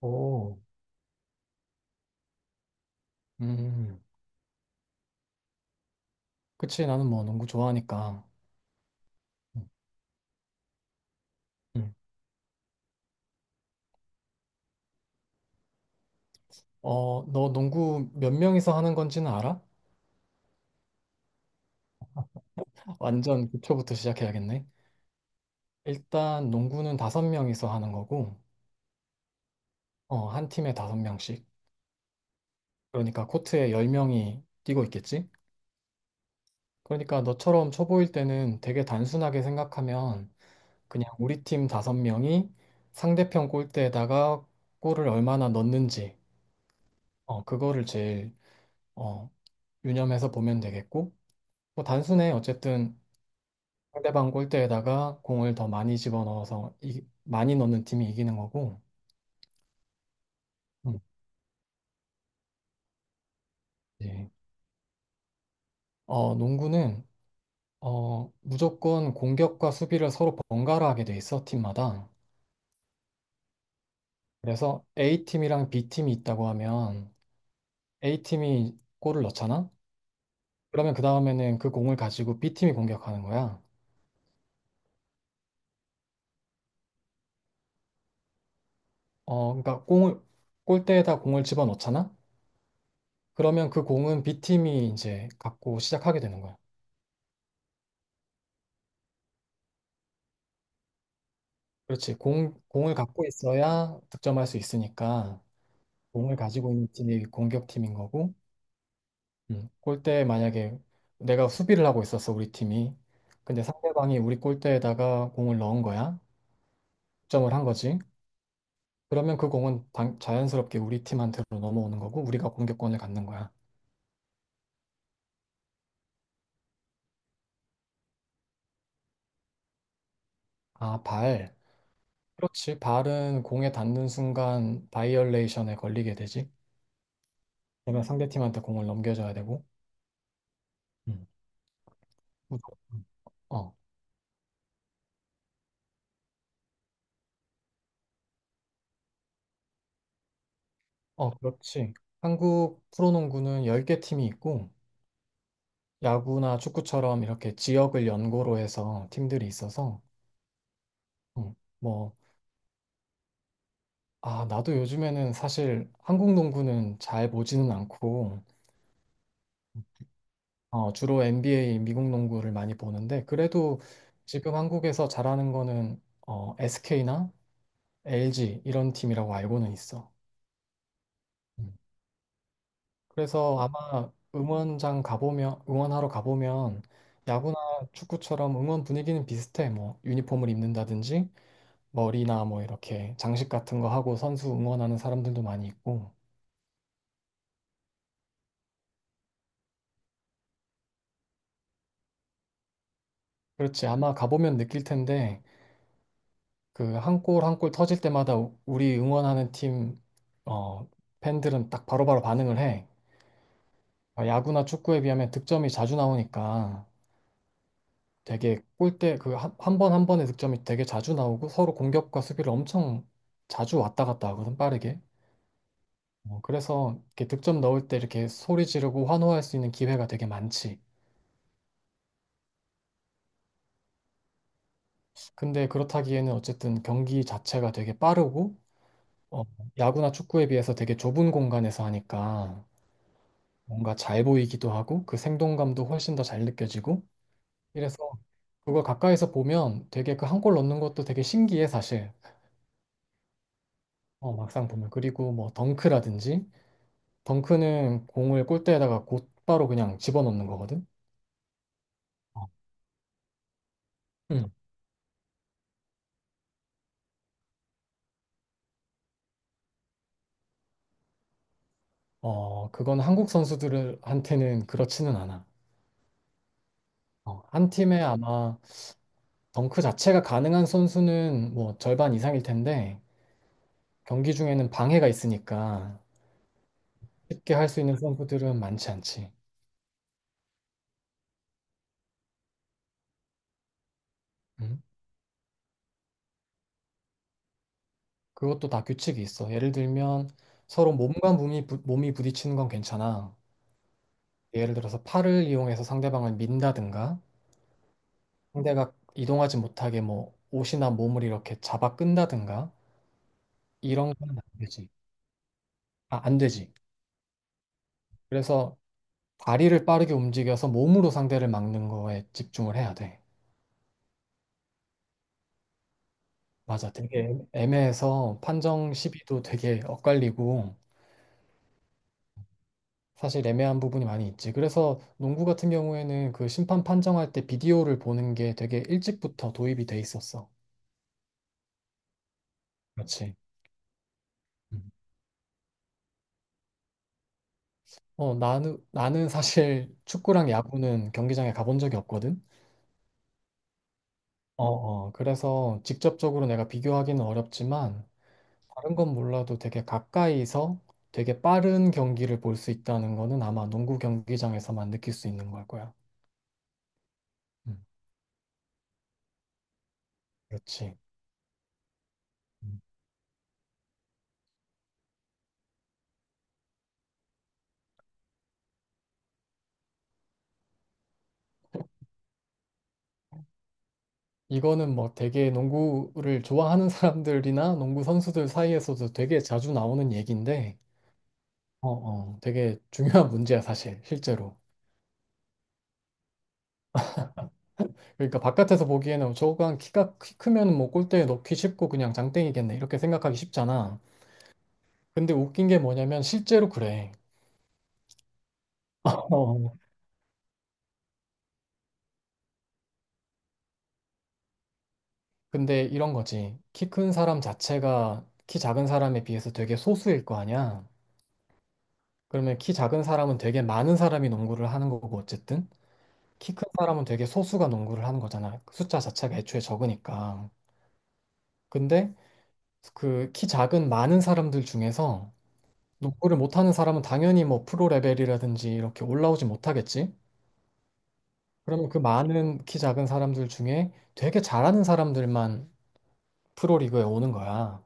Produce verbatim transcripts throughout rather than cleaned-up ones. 오, 음, 그치. 나는 뭐 농구 좋아하니까. 음. 음. 어, 너 농구 몇 명이서 하는 건지는 알아? 완전 기초부터 시작해야겠네. 일단 농구는 다섯 명이서 하는 거고, 어, 한 팀에 다섯 명씩. 그러니까 코트에 열 명이 뛰고 있겠지? 그러니까 너처럼 초보일 때는 되게 단순하게 생각하면 그냥 우리 팀 다섯 명이 상대편 골대에다가 골을 얼마나 넣는지, 어, 그거를 제일, 어, 유념해서 보면 되겠고, 뭐 단순해. 어쨌든 상대방 골대에다가 공을 더 많이 집어넣어서 이- 많이 넣는 팀이 이기는 거고. 음, 네. 어, 농구는 어, 무조건 공격과 수비를 서로 번갈아 하게 돼 있어, 팀마다. 그래서 A팀이랑 B팀이 있다고 하면 A팀이 골을 넣잖아? 그러면 그 다음에는 그 공을 가지고 B팀이 공격하는 거야. 어, 그러니까 공을 골대에다 공을 집어넣잖아? 그러면 그 공은 B팀이 이제 갖고 시작하게 되는 거야. 그렇지. 공, 공을 갖고 있어야 득점할 수 있으니까 공을 가지고 있는 팀이 공격팀인 거고, 음, 골대에 만약에 내가 수비를 하고 있었어, 우리 팀이. 근데 상대방이 우리 골대에다가 공을 넣은 거야. 득점을 한 거지. 그러면 그 공은 당- 자연스럽게 우리 팀한테로 넘어오는 거고, 우리가 공격권을 갖는 거야. 아, 발. 그렇지. 발은 공에 닿는 순간 바이올레이션에 걸리게 되지. 그러면 상대팀한테 공을 넘겨줘야 되고. 음. 무조건. 어. 어, 그렇지. 한국 프로농구는 열 개 팀이 있고, 야구나 축구처럼 이렇게 지역을 연고로 해서 팀들이 있어서, 음, 뭐, 아, 나도 요즘에는 사실 한국 농구는 잘 보지는 않고, 어, 주로 엔비에이 미국 농구를 많이 보는데, 그래도 지금 한국에서 잘하는 거는 어, 에스케이나 엘지 이런 팀이라고 알고는 있어. 음. 그래서 아마 응원장 가보면, 응원하러 가보면 야구나 축구처럼 응원 분위기는 비슷해. 뭐 유니폼을 입는다든지 머리나 뭐 이렇게 장식 같은 거 하고 선수 응원하는 사람들도 많이 있고. 그렇지. 아마 가보면 느낄 텐데 그 한 골 한 골 터질 때마다 우- 우리 응원하는 팀 어, 팬들은 딱 바로바로 반응을 해. 어, 야구나 축구에 비하면 득점이 자주 나오니까 되게 골대 그 한 번 한 번의 득점이 되게 자주 나오고 서로 공격과 수비를 엄청 자주 왔다 갔다 하거든 빠르게. 어, 그래서 이렇게 득점 넣을 때 이렇게 소리 지르고 환호할 수 있는 기회가 되게 많지. 근데 그렇다기에는 어쨌든 경기 자체가 되게 빠르고 어, 야구나 축구에 비해서 되게 좁은 공간에서 하니까 뭔가 잘 보이기도 하고 그 생동감도 훨씬 더 잘 느껴지고 이래서 그걸 가까이서 보면 되게 그 한 골 넣는 것도 되게 신기해 사실. 어, 막상 보면 그리고 뭐 덩크라든지 덩크는 공을 골대에다가 곧바로 그냥 집어넣는 거거든. 어, 응. 어, 그건 한국 선수들한테는 그렇지는 않아. 어, 한 팀에 아마 덩크 자체가 가능한 선수는 뭐 절반 이상일 텐데 경기 중에는 방해가 있으니까 쉽게 할 수 있는 선수들은 많지 않지. 응? 그것도 다 규칙이 있어. 예를 들면 서로 몸과 몸이, 부, 몸이 부딪히는 건 괜찮아. 예를 들어서 팔을 이용해서 상대방을 민다든가 상대가 이동하지 못하게 뭐 옷이나 몸을 이렇게 잡아 끈다든가 이런 건 안 되지. 아, 안 되지. 그래서 다리를 빠르게 움직여서 몸으로 상대를 막는 거에 집중을 해야 돼. 맞아. 되게 애매해서 판정 시비도 되게 엇갈리고 사실 애매한 부분이 많이 있지. 그래서 농구 같은 경우에는 그 심판 판정할 때 비디오를 보는 게 되게 일찍부터 도입이 돼 있었어. 그렇지. 음. 어, 나는, 나는 사실 축구랑 야구는 경기장에 가본 적이 없거든. 어, 어. 그래서 직접적으로 내가 비교하기는 어렵지만 다른 건 몰라도 되게 가까이서 되게 빠른 경기를 볼 수 있다는 거는 아마 농구 경기장에서만 느낄 수 있는 걸 거야. 음, 그렇지. 음. 이거는 뭐 되게 농구를 좋아하는 사람들이나 농구 선수들 사이에서도 되게 자주 나오는 얘기인데, 어, 어, 되게 중요한 문제야, 사실, 실제로. 그러니까 바깥에서 보기에는 저거 한 키가 키 크면 뭐 골대에 넣기 쉽고 그냥 장땡이겠네. 이렇게 생각하기 쉽잖아. 근데 웃긴 게 뭐냐면 실제로 그래. 어. 근데 이런 거지. 키 큰 사람 자체가 키 작은 사람에 비해서 되게 소수일 거 아니야. 그러면 키 작은 사람은 되게 많은 사람이 농구를 하는 거고 어쨌든 키 큰 사람은 되게 소수가 농구를 하는 거잖아. 그 숫자 자체가 애초에 적으니까. 근데 그 키 작은 많은 사람들 중에서 농구를 못하는 사람은 당연히 뭐 프로 레벨이라든지 이렇게 올라오지 못하겠지. 그러면 그 많은 키 작은 사람들 중에 되게 잘하는 사람들만 프로리그에 오는 거야.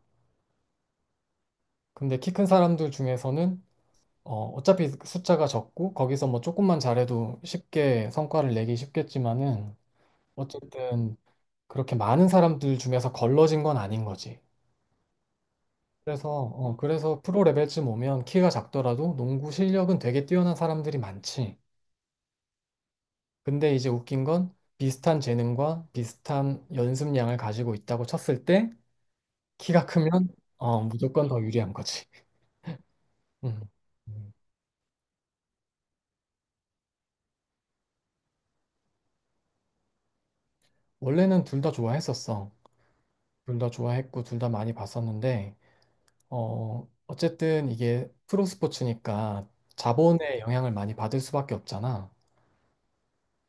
근데 키 큰 사람들 중에서는 어, 어차피 숫자가 적고 거기서 뭐 조금만 잘해도 쉽게 성과를 내기 쉽겠지만은 어쨌든 그렇게 많은 사람들 중에서 걸러진 건 아닌 거지. 그래서 어, 그래서 프로 레벨쯤 오면 키가 작더라도 농구 실력은 되게 뛰어난 사람들이 많지. 근데 이제 웃긴 건 비슷한 재능과 비슷한 연습량을 가지고 있다고 쳤을 때 키가 크면 어, 무조건 더 유리한 거지. 음. 원래는 둘 다 좋아했었어. 둘 다 좋아했고, 둘 다 많이 봤었는데, 어, 어쨌든 이게 프로 스포츠니까 자본의 영향을 많이 받을 수밖에 없잖아.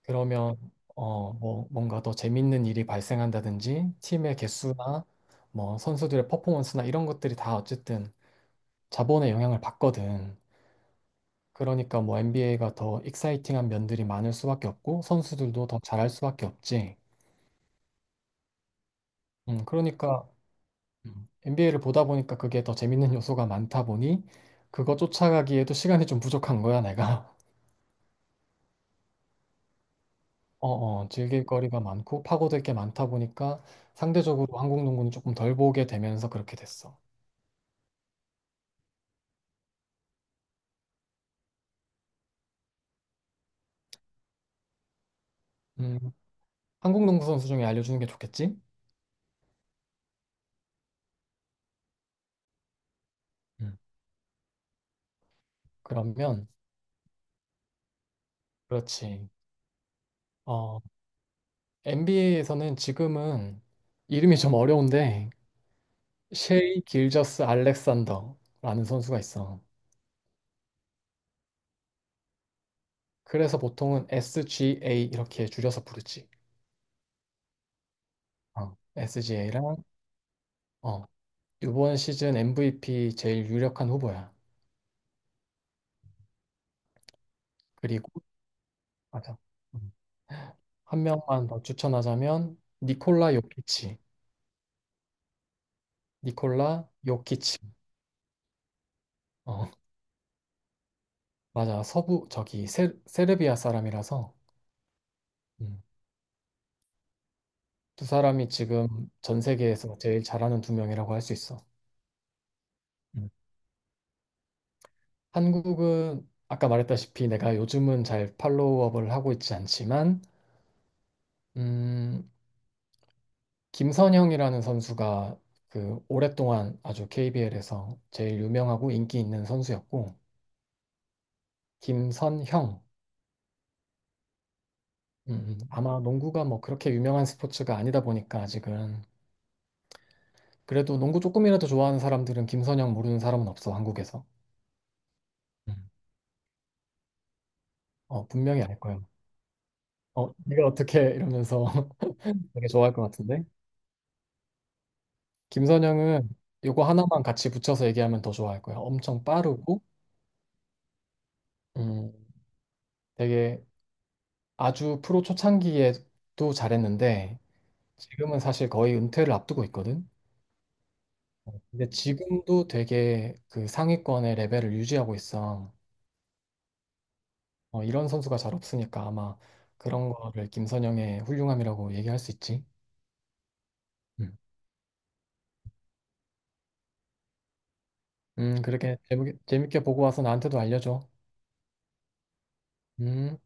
그러면, 어, 뭐, 뭔가 더 재밌는 일이 발생한다든지, 팀의 개수나, 뭐, 선수들의 퍼포먼스나 이런 것들이 다 어쨌든 자본의 영향을 받거든. 그러니까 뭐, 엔비에이가 더 익사이팅한 면들이 많을 수밖에 없고, 선수들도 더 잘할 수밖에 없지. 음, 그러니까 엔비에이를 보다 보니까 그게 더 재밌는 요소가 많다 보니 그거 쫓아가기에도 시간이 좀 부족한 거야, 내가. 어, 어, 즐길 거리가 많고 파고들 게 많다 보니까 상대적으로 한국 농구는 조금 덜 보게 되면서 그렇게 됐어. 음, 한국 농구 선수 중에 알려주는 게 좋겠지? 음, 그러면, 그렇지. 어, 엔비에이에서는 지금은 이름이 좀 어려운데 셰이 길저스 알렉산더라는 선수가 있어. 그래서 보통은 에스지에이 이렇게 줄여서 부르지. 어, 에스지에이랑 어, 이번 시즌 엠브이피 제일 유력한 후보야. 그리고 맞아. 음, 한 명만 더 추천하자면 니콜라 요키치. 니콜라 요키치. 어, 맞아. 서부 저기 세, 세르비아 사람이라서 음, 두 사람이 지금 전 세계에서 제일 잘하는 두 명이라고 할 수 있어. 음. 한국은 아까 말했다시피 내가 요즘은 잘 팔로우업을 하고 있지 않지만 음, 김선형이라는 선수가 그 오랫동안 아주 케이비엘에서 제일 유명하고 인기 있는 선수였고 김선형. 음, 음. 아마 농구가 뭐 그렇게 유명한 스포츠가 아니다 보니까 아직은 그래도 농구 조금이라도 좋아하는 사람들은 김선형 모르는 사람은 없어 한국에서. 음. 어, 분명히 알 거야. 어, 네가 어떻게, 이러면서 되게 좋아할 것 같은데. 김선형은 요거 하나만 같이 붙여서 얘기하면 더 좋아할 거야. 엄청 빠르고 음, 되게 아주 프로 초창기에도 잘했는데 지금은 사실 거의 은퇴를 앞두고 있거든. 근데 지금도 되게 그 상위권의 레벨을 유지하고 있어. 어, 이런 선수가 잘 없으니까 아마 그런 거를 김선영의 훌륭함이라고 얘기할 수 있지. 음, 음, 그렇게 재밌게, 재밌게 보고 와서 나한테도 알려줘. 음.